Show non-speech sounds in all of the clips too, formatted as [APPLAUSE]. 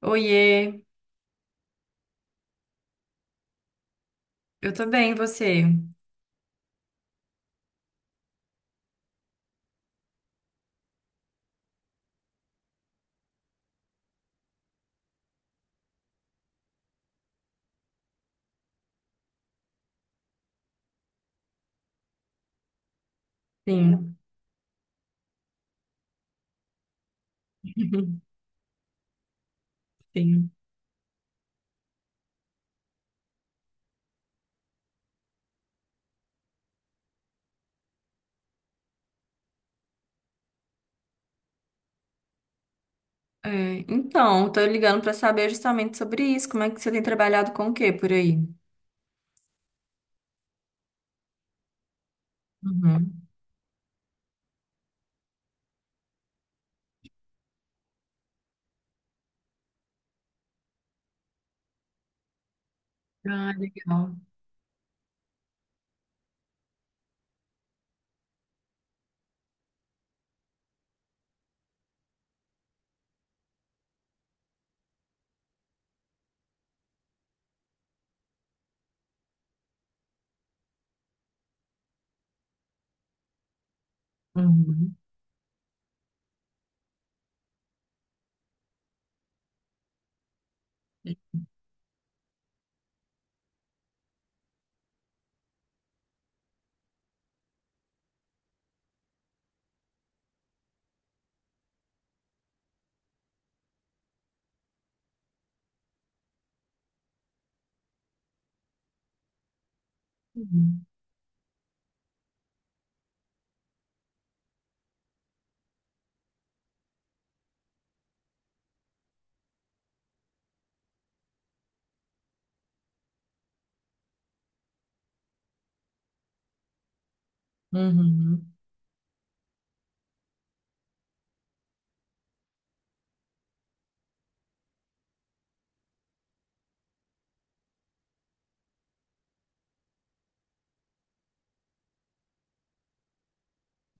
Oiê, eu tô bem, e você? Sim, [LAUGHS] sim. É, então, tô ligando pra saber justamente sobre isso. Como é que você tem trabalhado com o quê por aí? Uhum. Ah, legal. Uhum. Uhum. Uhum.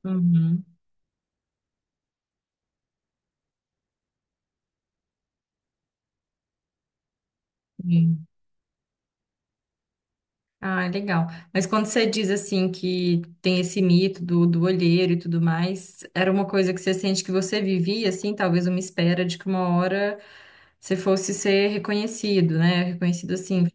Uhum. Sim. Ah, legal. Mas quando você diz assim que tem esse mito do olheiro e tudo mais, era uma coisa que você sente que você vivia, assim, talvez uma espera de que uma hora você fosse ser reconhecido, né? Reconhecido assim.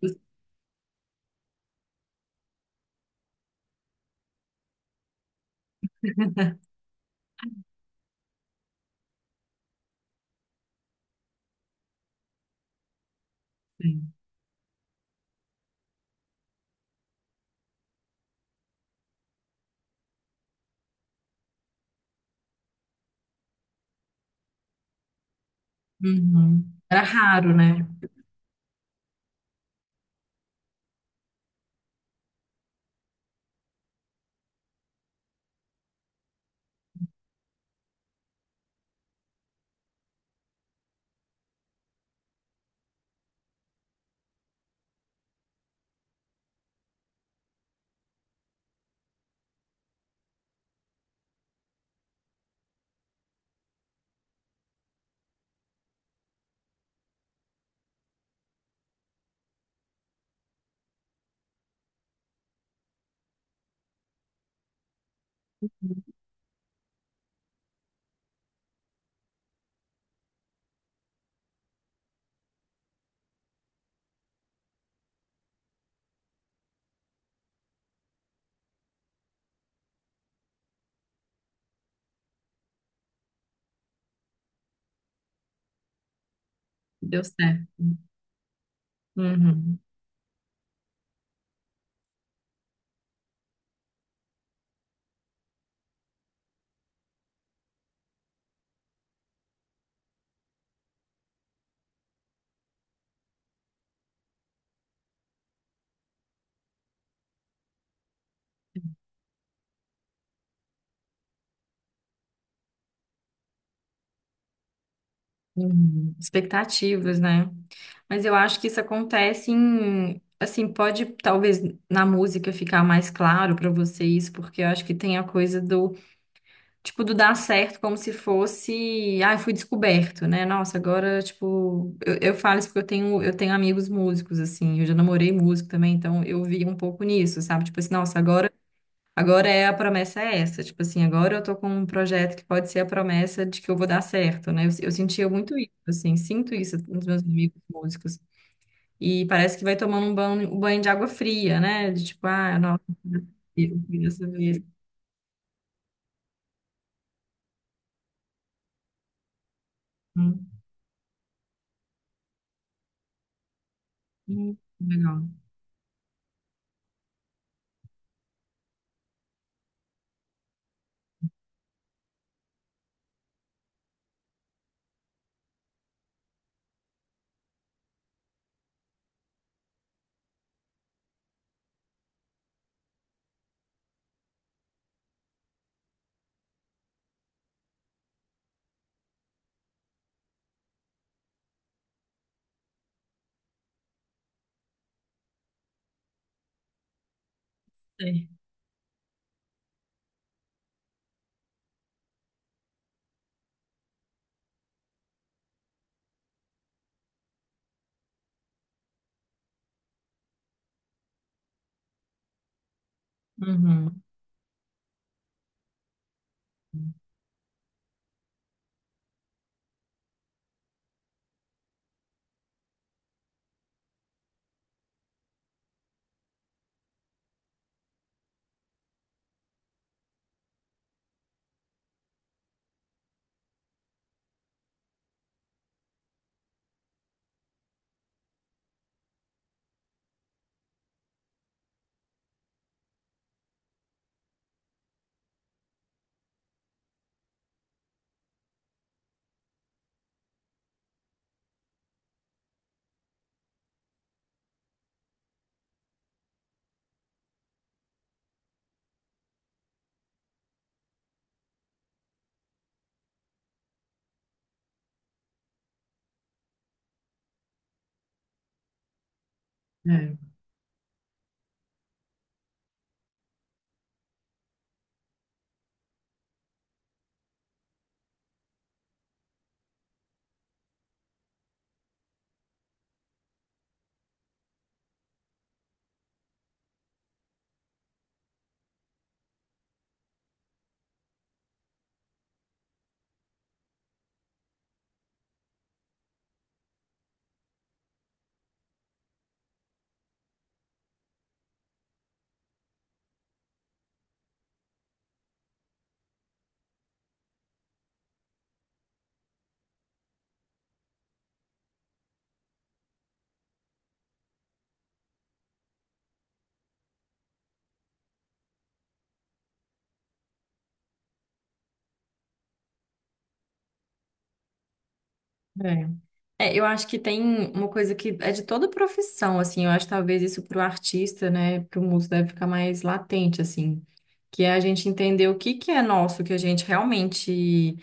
Uhum. Era raro, né? Deu certo. Uhum. Uhum. Expectativas, né? Mas eu acho que isso acontece em, assim, pode talvez na música ficar mais claro pra vocês, porque eu acho que tem a coisa do, tipo, do dar certo como se fosse, ah, eu fui descoberto, né? Nossa, agora, tipo, eu falo isso porque eu tenho amigos músicos, assim, eu já namorei músico também, então eu vi um pouco nisso, sabe? Tipo assim, nossa, agora. Agora é a promessa é essa, tipo assim, agora eu tô com um projeto que pode ser a promessa de que eu vou dar certo, né? Eu sentia muito isso, assim, sinto isso nos meus amigos músicos. E parece que vai tomando um banho de água fria, né? De tipo, ah, nossa, eu fui dessa vez. Hum, legal. Sei. Uhum. É, é. É, eu acho que tem uma coisa que é de toda profissão, assim, eu acho que talvez isso para o artista, né, para o músico deve ficar mais latente, assim, que é a gente entender o que que é nosso, que a gente realmente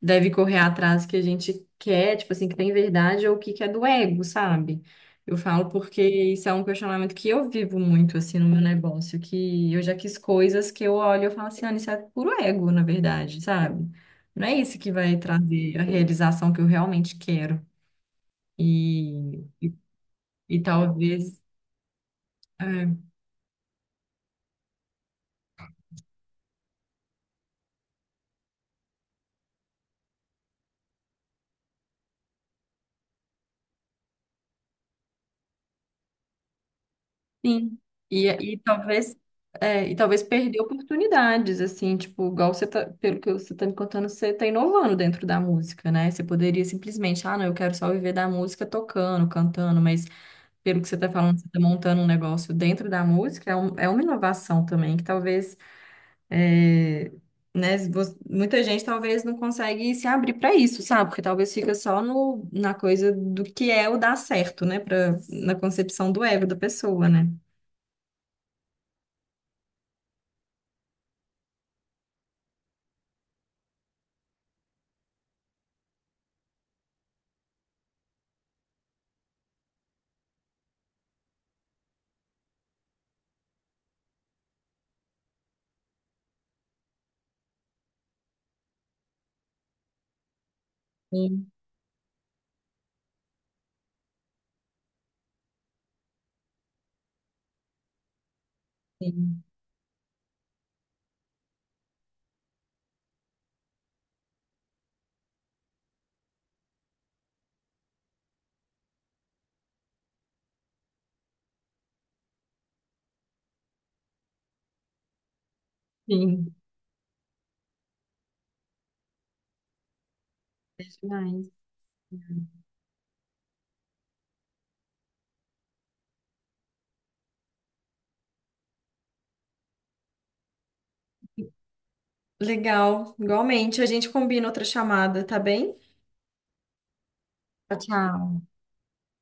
deve correr atrás, que a gente quer, tipo assim, que tem verdade, ou o que que é do ego, sabe? Eu falo porque isso é um questionamento que eu vivo muito, assim, no meu negócio, que eu já quis coisas que eu olho e eu falo assim, Ana, isso é puro ego, na verdade, sabe? Não é isso que vai trazer a realização que eu realmente quero. E, e talvez, é, sim, e, e talvez, é, e talvez perder oportunidades, assim, tipo, igual você tá, pelo que você tá me contando, você tá inovando dentro da música, né? Você poderia simplesmente, ah, não, eu quero só viver da música tocando, cantando, mas pelo que você tá falando, você tá montando um negócio dentro da música, é, um, é uma inovação também, que talvez. É, né, se você- muita gente talvez não consegue se abrir para isso, sabe? Porque talvez fica só no, na coisa do que é o dar certo, né? Pra, na concepção do ego da pessoa, né? Sim, sim, sim. É demais. Legal, igualmente. A gente combina outra chamada, tá bem? Tchau, tchau.